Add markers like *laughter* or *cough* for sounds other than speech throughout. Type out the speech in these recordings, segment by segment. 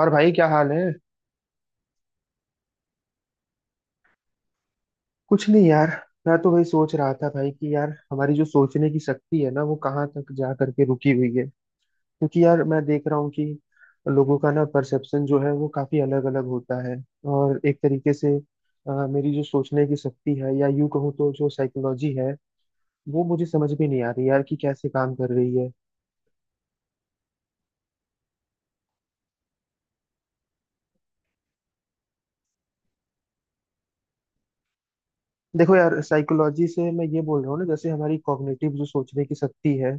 और भाई क्या हाल है। कुछ नहीं यार। मैं तो वही सोच रहा था भाई कि यार हमारी जो सोचने की शक्ति है ना, वो कहाँ तक जा करके रुकी हुई है। क्योंकि यार मैं देख रहा हूँ कि लोगों का ना परसेप्शन जो है वो काफी अलग अलग होता है। और एक तरीके से मेरी जो सोचने की शक्ति है या यूं कहूँ तो जो साइकोलॉजी है, वो मुझे समझ में नहीं आ रही यार कि कैसे काम कर रही है। देखो यार, साइकोलॉजी से मैं ये बोल रहा हूँ ना, जैसे हमारी कॉग्निटिव जो सोचने की शक्ति है,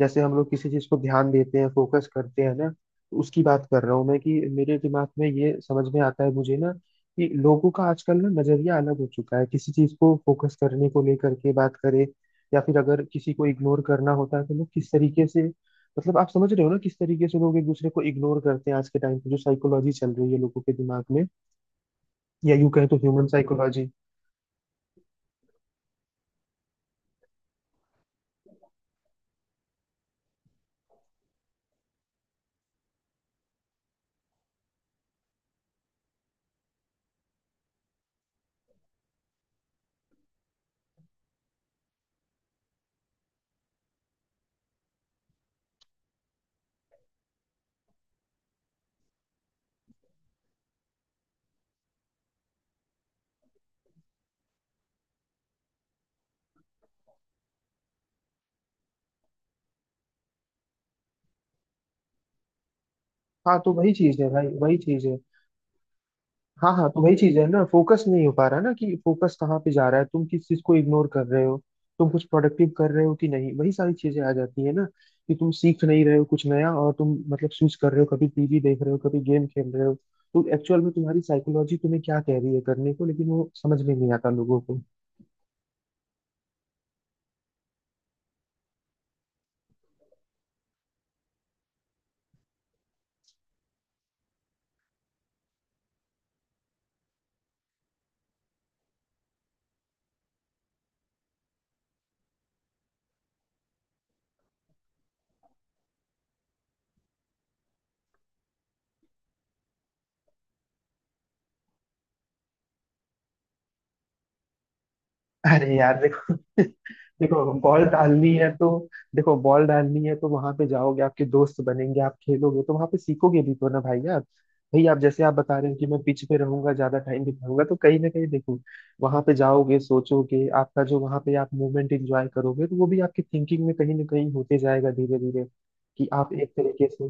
जैसे हम लोग किसी चीज को ध्यान देते हैं, फोकस करते हैं ना, उसकी बात कर रहा हूँ मैं। कि मेरे दिमाग में ये समझ में आता है मुझे ना, कि लोगों का आजकल ना नजरिया अलग हो चुका है किसी चीज को फोकस करने को लेकर के बात करें, या फिर अगर किसी को इग्नोर करना होता है तो लोग किस तरीके से, मतलब आप समझ रहे हो ना किस तरीके से लोग एक दूसरे को इग्नोर करते हैं आज के टाइम पे, जो साइकोलॉजी चल रही है लोगों के दिमाग में, या यूं कहें तो ह्यूमन साइकोलॉजी। हाँ तो वही चीज है भाई, वही चीज है। हाँ हाँ, तो वही चीज है ना, फोकस नहीं हो पा रहा ना, कि फोकस कहाँ पे जा रहा है, तुम किस चीज को इग्नोर कर रहे हो, तुम कुछ प्रोडक्टिव कर रहे हो कि नहीं, वही सारी चीजें आ जाती है ना। कि तुम सीख नहीं रहे हो कुछ नया, और तुम मतलब स्विच कर रहे हो, कभी टीवी देख रहे हो, कभी गेम खेल रहे हो। तो एक्चुअल में तुम्हारी साइकोलॉजी तुम्हें क्या कह रही है करने को, लेकिन वो समझ में नहीं आता लोगों को। अरे यार देखो। *laughs* देखो बॉल डालनी है तो, देखो बॉल डालनी है तो वहां पे जाओगे, आपके दोस्त बनेंगे, आप खेलोगे तो वहां पे सीखोगे भी तो ना भाई यार। भाई आप जैसे आप बता रहे हो कि मैं पिच पे रहूंगा, ज्यादा टाइम बिताऊंगा, तो कहीं ना कहीं देखो, वहां पे जाओगे, सोचोगे, आपका जो वहां पे आप मूवमेंट एंजॉय करोगे, तो वो भी आपकी थिंकिंग में कहीं ना कहीं होते जाएगा धीरे धीरे, कि आप एक तरीके से।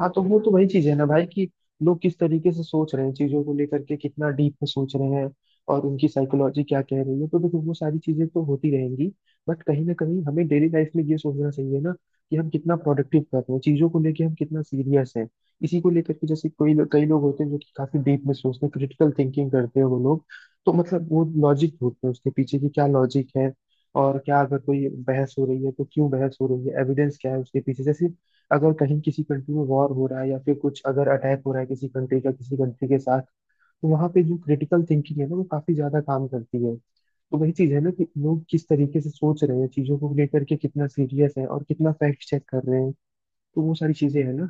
हाँ तो वो तो वही चीज है ना भाई, कि लोग किस तरीके से सोच रहे हैं चीजों को लेकर के, कितना डीप में सोच रहे हैं और उनकी साइकोलॉजी क्या कह रही है। तो देखो वो सारी चीजें तो होती रहेंगी, बट कहीं ना कहीं हमें डेली लाइफ में ये सोचना चाहिए ना, कि हम कितना प्रोडक्टिव कर रहे हैं, चीजों को लेके हम कितना सीरियस हैं। इसी को लेकर के जैसे कोई लोग, कई लोग होते हैं जो कि काफी डीप में सोचते हैं, क्रिटिकल थिंकिंग करते हैं वो लोग। तो मतलब वो लॉजिक ढूंढते हैं, उसके पीछे की क्या लॉजिक है। और क्या अगर कोई बहस हो रही है तो क्यों बहस हो रही है, एविडेंस क्या है उसके पीछे। जैसे अगर कहीं किसी कंट्री में वॉर हो रहा है, या फिर कुछ अगर अटैक हो रहा है किसी कंट्री का किसी कंट्री के साथ, तो वहां पे जो क्रिटिकल थिंकिंग है ना, वो काफी ज्यादा काम करती है। तो वही चीज है ना, कि लोग किस तरीके से सोच रहे हैं चीजों को लेकर के, कितना सीरियस है और कितना फैक्ट चेक कर रहे हैं। तो वो सारी चीजें है ना।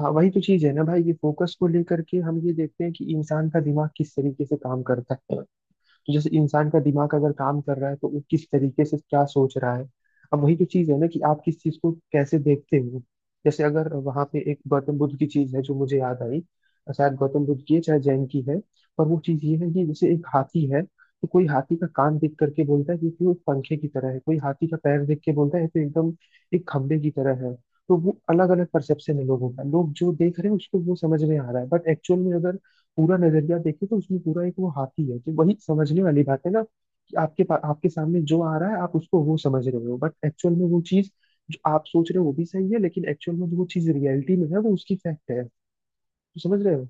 हाँ वही तो चीज है ना भाई, ये फोकस को लेकर के हम ये देखते हैं कि इंसान का दिमाग किस तरीके से काम करता है। तो जैसे इंसान का दिमाग अगर काम कर रहा है, तो वो किस तरीके से क्या सोच रहा है। अब वही तो चीज है ना, कि आप किस चीज को कैसे देखते हो। जैसे अगर वहां पे एक गौतम बुद्ध की चीज है जो मुझे याद आई, शायद गौतम बुद्ध की है, चाहे जैन की है, पर वो चीज ये है कि जैसे एक हाथी है, तो कोई हाथी का कान देख करके बोलता है कि वो एक पंखे की तरह है, कोई हाथी का पैर देख के बोलता है तो एकदम एक खंबे की तरह है। तो वो अलग अलग परसेप्शन है लोगों का, लोग जो देख रहे हैं उसको वो समझ में आ रहा है, बट एक्चुअल में अगर पूरा नजरिया देखे, तो उसमें पूरा एक वो हाथी है। जो वही समझने वाली बात है ना, कि आपके सामने जो आ रहा है आप उसको वो समझ रहे हो, बट एक्चुअल में वो चीज जो आप सोच रहे हो वो भी सही है, लेकिन एक्चुअल में जो वो चीज रियलिटी में है वो उसकी फैक्ट है। तो समझ रहे हो।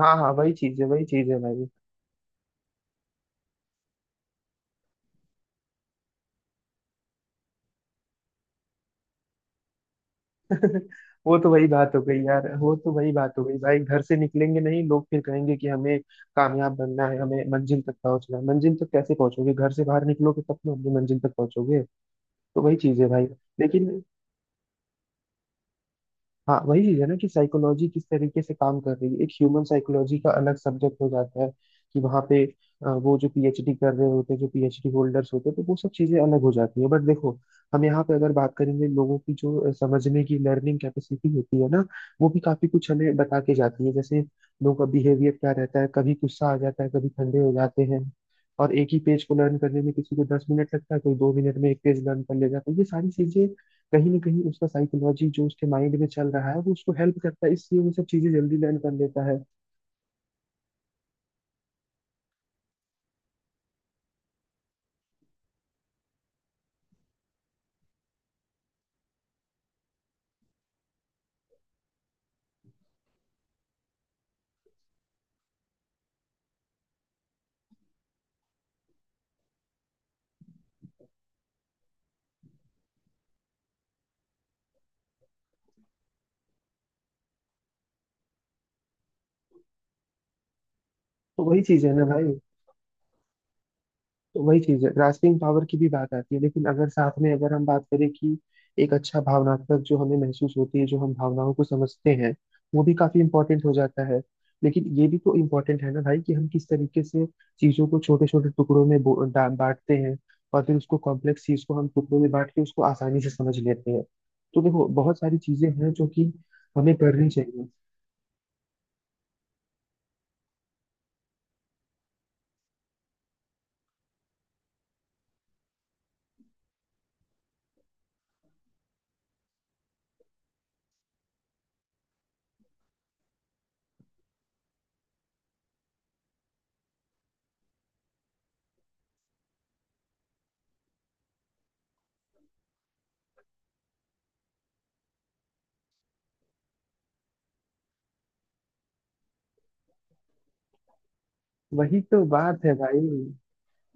हाँ हाँ, वही चीज है, वही चीज है भाई। *laughs* वो तो वही बात हो गई यार, वो तो वही बात हो गई भाई, घर से निकलेंगे नहीं लोग, फिर कहेंगे कि हमें कामयाब बनना है, हमें मंजिल तक पहुंचना है। मंजिल तक कैसे पहुंचोगे, घर से बाहर निकलोगे तब तो अपनी मंजिल तक पहुंचोगे। तो वही चीज है भाई। लेकिन हाँ वही चीज है ना, कि साइकोलॉजी किस तरीके से काम कर रही है, एक ह्यूमन साइकोलॉजी का अलग सब्जेक्ट हो जाता है। कि वहाँ पे वो जो पीएचडी कर रहे होते हैं, जो पीएचडी होल्डर्स होते हैं, तो वो सब चीजें अलग हो जाती है। बट देखो हम यहाँ पे अगर बात करेंगे लोगों की, जो समझने की लर्निंग कैपेसिटी होती है ना, वो भी काफी कुछ हमें बता के जाती है। जैसे लोगों का बिहेवियर क्या रहता है, कभी गुस्सा आ जाता है, कभी ठंडे हो जाते हैं। और एक ही पेज को लर्न करने में किसी को 10 मिनट लगता है, कोई 2 मिनट में एक पेज लर्न कर ले जाता है, तो ये सारी चीजें कहीं ना कहीं उसका साइकोलॉजी जो उसके माइंड में चल रहा है वो उसको हेल्प करता है, इसलिए वो सब चीजें जल्दी लर्न कर लेता है। तो वही चीज है ना भाई। तो वही चीज है, ग्रास्पिंग पावर की भी बात आती है, लेकिन अगर साथ में अगर हम बात करें कि एक अच्छा भावनात्मक जो हमें महसूस होती है, जो हम भावनाओं को समझते हैं, वो भी काफी इंपॉर्टेंट हो जाता है। लेकिन ये भी तो इम्पोर्टेंट है ना भाई, कि हम किस तरीके से चीजों को छोटे छोटे टुकड़ों में बांटते हैं, और फिर उसको कॉम्प्लेक्स चीज को हम टुकड़ों में बांट के उसको आसानी से समझ लेते हैं। तो देखो बहुत सारी चीजें हैं जो कि हमें करनी चाहिए। वही तो बात है भाई,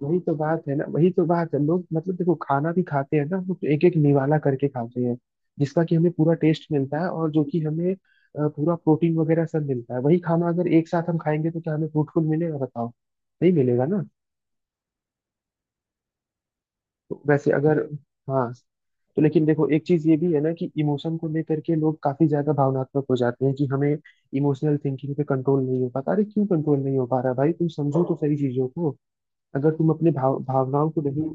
वही तो बात है ना, वही तो बात है। लोग मतलब देखो खाना भी खाते हैं ना, वो एक एक निवाला करके खाते हैं, जिसका कि हमें पूरा टेस्ट मिलता है, और जो कि हमें पूरा प्रोटीन वगैरह सब मिलता है। वही खाना अगर एक साथ हम खाएंगे तो क्या हमें फ्रूटफुल मिलेगा बताओ। नहीं मिलेगा ना। तो वैसे अगर, हाँ। तो लेकिन देखो एक चीज ये भी है ना, कि इमोशन को लेकर के लोग काफी ज्यादा भावनात्मक हो जाते हैं, कि हमें इमोशनल थिंकिंग पे कंट्रोल नहीं हो पाता। अरे क्यों कंट्रोल नहीं हो पा रहा भाई, तुम समझो तो सही चीजों को, अगर तुम अपने भाव भावनाओं को नहीं।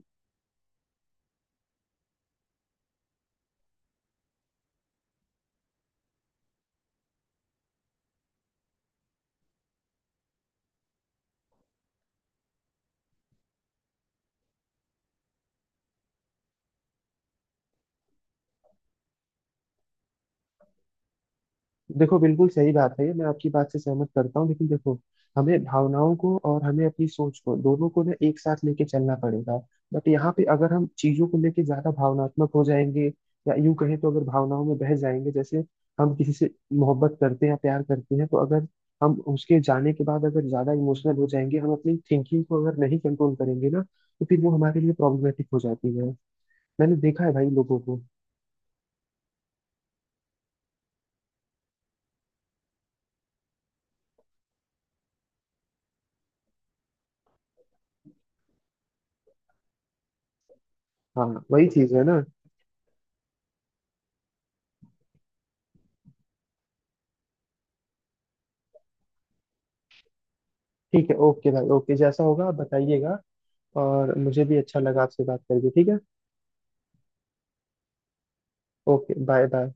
देखो बिल्कुल सही बात है ये, मैं आपकी बात से सहमत करता हूँ, लेकिन देखो हमें भावनाओं को और हमें अपनी सोच को दोनों को ना एक साथ लेके चलना पड़ेगा। बट यहाँ पे अगर हम चीजों को लेके ज्यादा भावनात्मक हो जाएंगे, या यूं कहें तो अगर भावनाओं में बह जाएंगे, जैसे हम किसी से मोहब्बत करते हैं, प्यार करते हैं, तो अगर हम उसके जाने के बाद अगर ज्यादा इमोशनल हो जाएंगे, हम अपनी थिंकिंग को अगर नहीं कंट्रोल करेंगे ना, तो फिर वो हमारे लिए प्रॉब्लमेटिक हो जाती है। मैंने देखा है भाई लोगों को। हाँ वही चीज है ना। ठीक है, ओके भाई, ओके, जैसा होगा आप बताइएगा। और मुझे भी अच्छा लगा आपसे बात करके, ठीक है। Okay, bye bye.